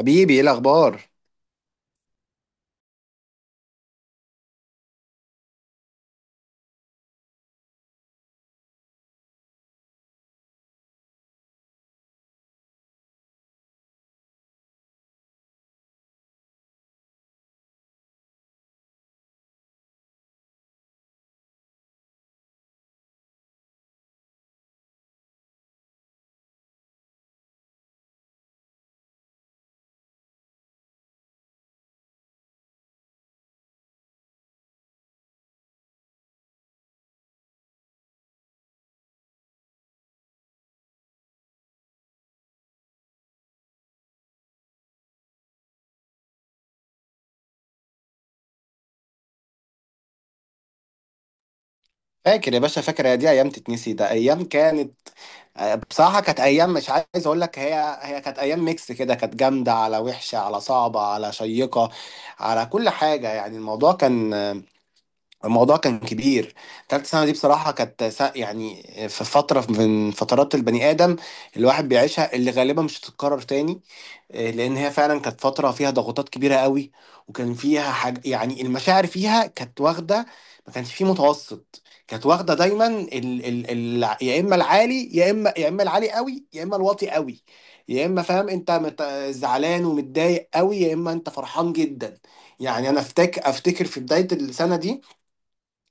حبيبي، ايه الاخبار؟ فاكر يا باشا، فاكر، يا دي ايام تتنسي؟ ده ايام كانت. بصراحه كانت ايام، مش عايز اقول لك، هي كانت ايام ميكس كده، كانت جامده، على وحشه، على صعبه، على شيقه، على كل حاجه. يعني الموضوع كان، الموضوع كان كبير. تالت سنه دي بصراحه كانت، يعني في فتره من فترات البني ادم الواحد بيعيشها، اللي غالبا مش هتتكرر تاني. لان هي فعلا كانت فتره فيها ضغوطات كبيره قوي، وكان فيها حاجه، يعني المشاعر فيها كانت واخده، ما كانش فيه متوسط. كانت واخده دايما ال ال ال يا اما العالي، يا اما، يا اما العالي قوي، يا اما الواطي قوي، يا اما فاهم انت، زعلان ومتضايق قوي، يا اما انت فرحان جدا. يعني انا افتكر في بدايه السنه دي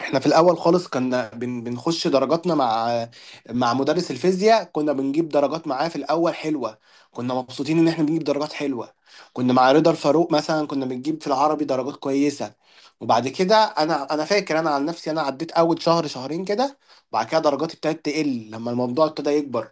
احنا في الاول خالص كنا بنخش درجاتنا مع مدرس الفيزياء، كنا بنجيب درجات معاه في الاول حلوه، كنا مبسوطين ان احنا بنجيب درجات حلوه. كنا مع رضا الفاروق مثلا كنا بنجيب في العربي درجات كويسه، وبعد كده انا فاكر، انا عن نفسي انا عديت اول شهر شهرين كده، وبعد كده درجاتي ابتدت تقل لما الموضوع ابتدى يكبر،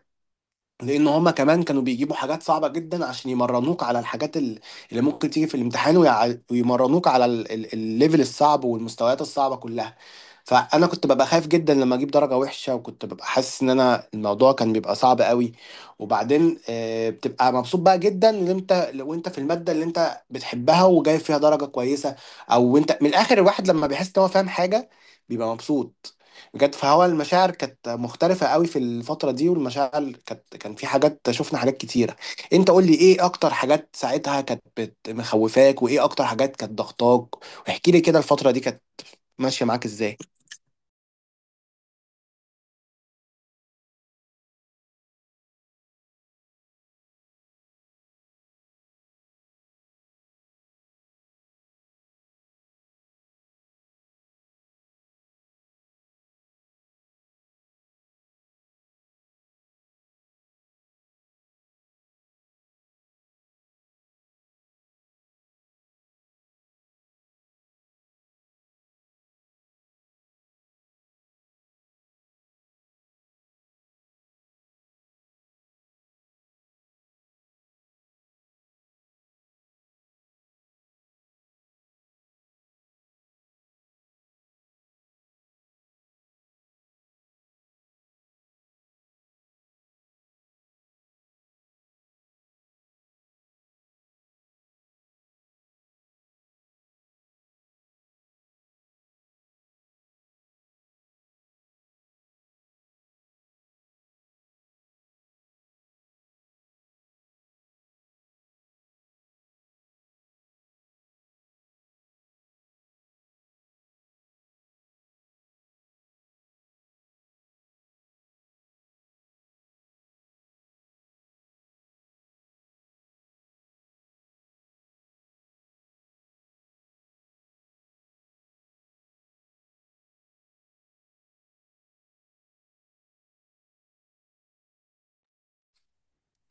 لان هما كمان كانوا بيجيبوا حاجات صعبه جدا عشان يمرنوك على الحاجات اللي ممكن تيجي في الامتحان، ويمرنوك على الليفل الصعب والمستويات الصعبه كلها. فانا كنت ببقى خايف جدا لما اجيب درجه وحشه، وكنت ببقى حاسس ان انا الموضوع كان بيبقى صعب قوي. وبعدين بتبقى مبسوط بقى جدا ان انت، لو انت في الماده اللي انت بتحبها وجايب فيها درجه كويسه، او انت من الاخر الواحد لما بيحس ان هو فاهم حاجه بيبقى مبسوط بجد. فهو المشاعر كانت مختلفه قوي في الفتره دي، والمشاعر كانت، كان في حاجات، شفنا حاجات كتيره. انت قول لي ايه اكتر حاجات ساعتها كانت، مخوفاك، وايه اكتر حاجات كانت ضغطاك، واحكي لي كده الفتره دي كانت ماشيه معاك ازاي؟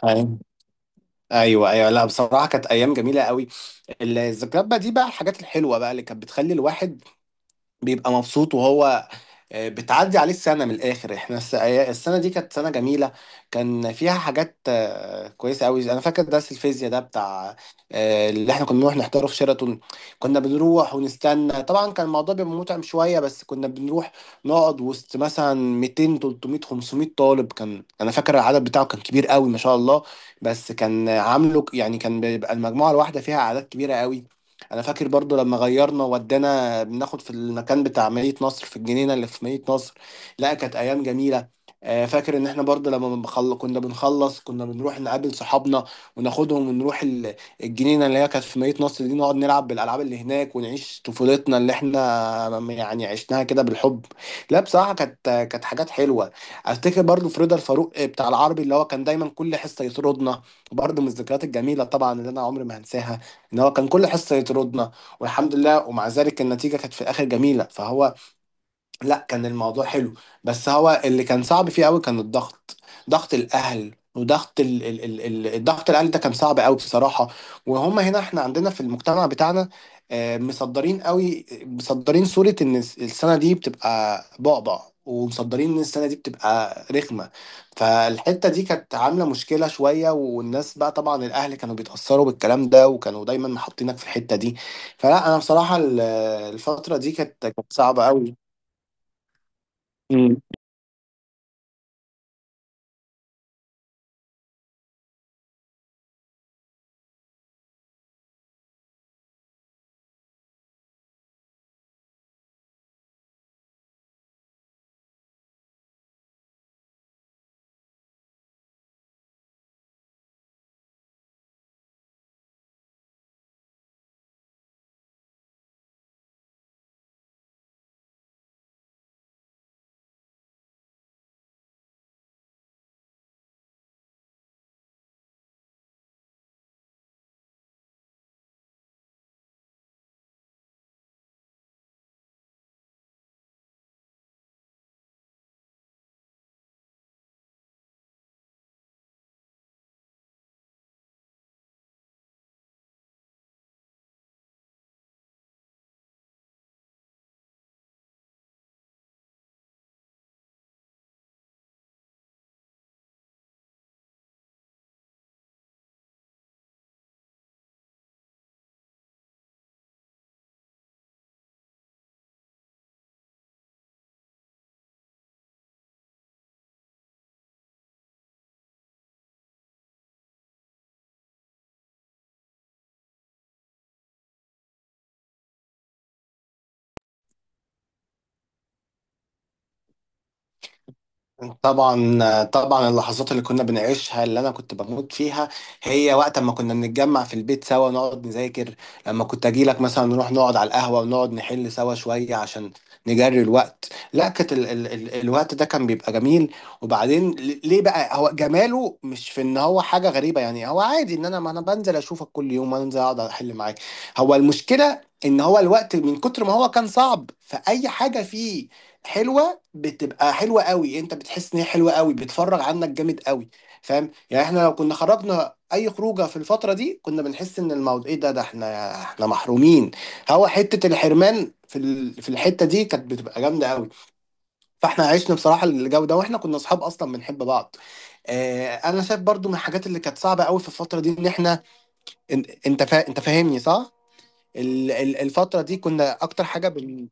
ايوه، ايوه، ايوه، لا بصراحه كانت ايام جميله قوي. الذكريات بقى دي بقى، الحاجات الحلوه بقى اللي كانت بتخلي الواحد بيبقى مبسوط. وهو بتعدي عليه السنة من الآخر. احنا السنة دي كانت سنة جميلة، كان فيها حاجات كويسة أوي. أنا فاكر درس الفيزياء ده بتاع، اللي احنا كنا بنروح نحضره في شيراتون. كنا بنروح ونستنى، طبعا كان الموضوع بيبقى متعب شوية، بس كنا بنروح نقعد وسط مثلا 200 300 500 طالب، كان أنا فاكر العدد بتاعه كان كبير أوي ما شاء الله. بس كان عامله، يعني كان بيبقى المجموعة الواحدة فيها أعداد كبيرة أوي. انا فاكر برضو لما غيرنا ودانا بناخد في المكان بتاع مدينة نصر، في الجنينة اللي في مدينة نصر. لا كانت ايام جميلة. فاكر ان احنا برضو لما كنا بنخلص كنا بنروح نقابل صحابنا وناخدهم ونروح الجنينة اللي هي كانت في مدينة نصر دي، نقعد نلعب بالالعاب اللي هناك، ونعيش طفولتنا اللي احنا يعني عشناها كده بالحب. لا بصراحة كانت، كانت حاجات حلوة. افتكر برضو في رضا الفاروق بتاع العربي اللي هو كان دايما كل حصة يطردنا، برضو من الذكريات الجميلة طبعا اللي انا عمري ما هنساها ان هو كان كل حصه يطردنا. والحمد لله، ومع ذلك النتيجه كانت في الاخر جميله. فهو لا، كان الموضوع حلو، بس هو اللي كان صعب فيه قوي كان الضغط، ضغط الاهل، وضغط الضغط الاهل ده كان صعب قوي بصراحه. وهم هنا احنا عندنا في المجتمع بتاعنا، مصدرين قوي، مصدرين صوره ان السنه دي بتبقى بعبع، ومصدرين ان السنه دي بتبقى رخمه. فالحته دي كانت عامله مشكله شويه، والناس بقى طبعا الاهل كانوا بيتاثروا بالكلام ده، وكانوا دايما محطينك في الحته دي. فلا انا بصراحه الفتره دي كانت، كانت صعبه قوي. طبعا، طبعا، اللحظات اللي كنا بنعيشها اللي انا كنت بموت فيها هي وقت ما كنا بنتجمع في البيت سوا نقعد نذاكر، لما كنت اجي لك مثلا نروح نقعد على القهوة ونقعد نحل سوا شوية عشان نجري الوقت. لا كانت ال ال ال الوقت ده كان بيبقى جميل. وبعدين ليه بقى؟ هو جماله مش في ان هو حاجة غريبة، يعني هو عادي ان انا، ما انا بنزل اشوفك كل يوم انزل اقعد احل معاك. هو المشكلة ان هو الوقت من كتر ما هو كان صعب، فاي حاجة فيه حلوة بتبقى حلوه قوي، انت بتحس ان هي حلوه قوي، بتفرغ عنك جامد قوي. فاهم؟ يعني احنا لو كنا خرجنا اي خروجه في الفتره دي كنا بنحس ان الموضوع ايه ده، ده احنا، محرومين. هو حته الحرمان في، في الحته دي كانت بتبقى جامده قوي، فاحنا عشنا بصراحه الجو ده، واحنا كنا اصحاب اصلا بنحب بعض. آه انا شايف برضو من الحاجات اللي كانت صعبه قوي في الفتره دي ان احنا، انت فاهمني صح، الفتره دي كنا اكتر حاجه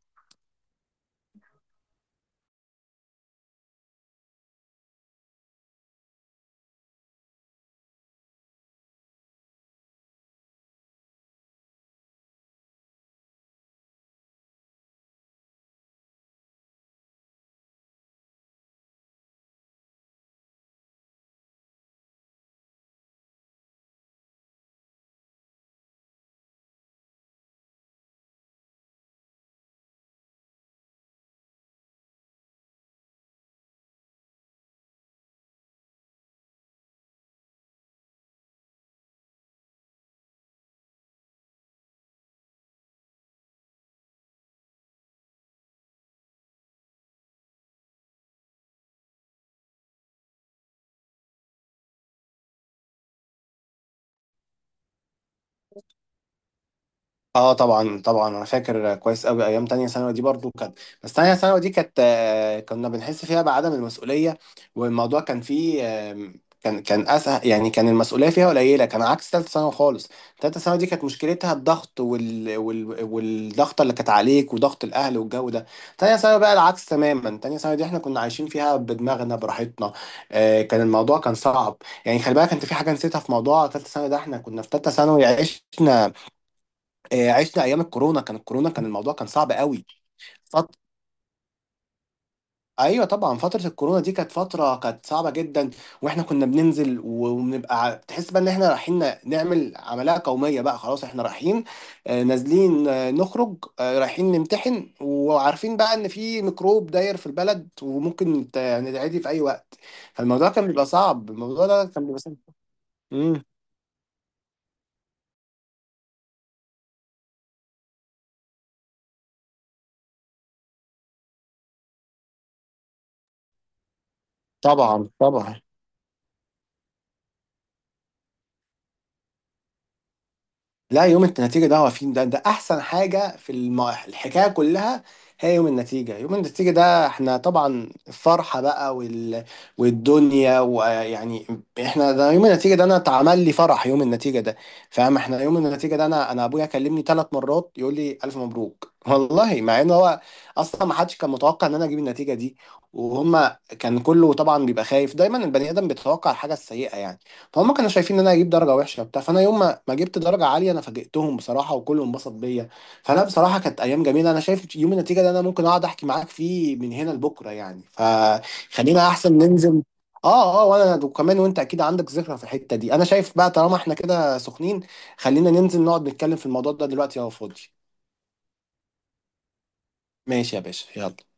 اه طبعا، طبعا، انا فاكر كويس قوي ايام تانية ثانوي دي. برضو كانت، بس تانية ثانوي دي كانت، كنا بنحس فيها بعدم المسؤولية، والموضوع كان فيه، كان كان اسهل، يعني كان المسؤولية فيها قليلة، كان عكس تالتة ثانوي خالص. تالتة ثانوي دي كانت مشكلتها الضغط والضغط اللي كانت عليك، وضغط الاهل والجو ده. تانية ثانوي بقى العكس تماما، تانية ثانوي دي احنا كنا عايشين فيها بدماغنا براحتنا. كان الموضوع كان صعب، يعني خلي بالك انت في حاجة نسيتها في موضوع تالتة ثانوي ده، احنا كنا في تالتة ثانوي عشنا، عشنا ايام الكورونا، كان الكورونا كان الموضوع كان صعب قوي. فط... ايوه طبعا فتره الكورونا دي كانت فتره كانت صعبه جدا، واحنا كنا بننزل، وبنبقى، تحس بقى ان احنا رايحين، نعمل عمليه قوميه بقى، خلاص احنا رايحين، نازلين، نخرج، رايحين نمتحن، وعارفين بقى ان في ميكروب داير في البلد وممكن نتعدي في اي وقت. فالموضوع كان بيبقى صعب، الموضوع ده كان بيبقى صعب. امم طبعا، طبعا، لا يوم النتيجة ده هو فين؟ ده ده أحسن حاجة في الحكاية كلها، هي يوم النتيجة. يوم النتيجة ده احنا طبعا الفرحة بقى، والدنيا، ويعني احنا ده يوم النتيجة ده أنا اتعمل لي فرح يوم النتيجة ده. فاهم؟ احنا يوم النتيجة ده أنا، أبويا كلمني 3 مرات يقول لي ألف مبروك والله، مع إن هو أصلا ما حدش كان متوقع إن أنا أجيب النتيجة دي. وهما كان كله طبعا بيبقى خايف، دايما البني آدم بيتوقع الحاجة السيئة، يعني فهم كانوا شايفين ان انا هجيب درجه وحشه وبتاع. فانا يوم ما جبت درجه عاليه انا فاجئتهم بصراحه، وكله انبسط بيا. فانا بصراحه كانت ايام جميله، انا شايف يوم النتيجه ده انا ممكن اقعد احكي معاك فيه من هنا لبكره، يعني فخلينا احسن ننزل. اه، اه، وانا وكمان، وانت اكيد عندك ذكرى في الحته دي. انا شايف بقى طالما احنا كده سخنين خلينا ننزل نقعد نتكلم في الموضوع ده دلوقتي لو فاضي. ماشي يا باشا، يلا.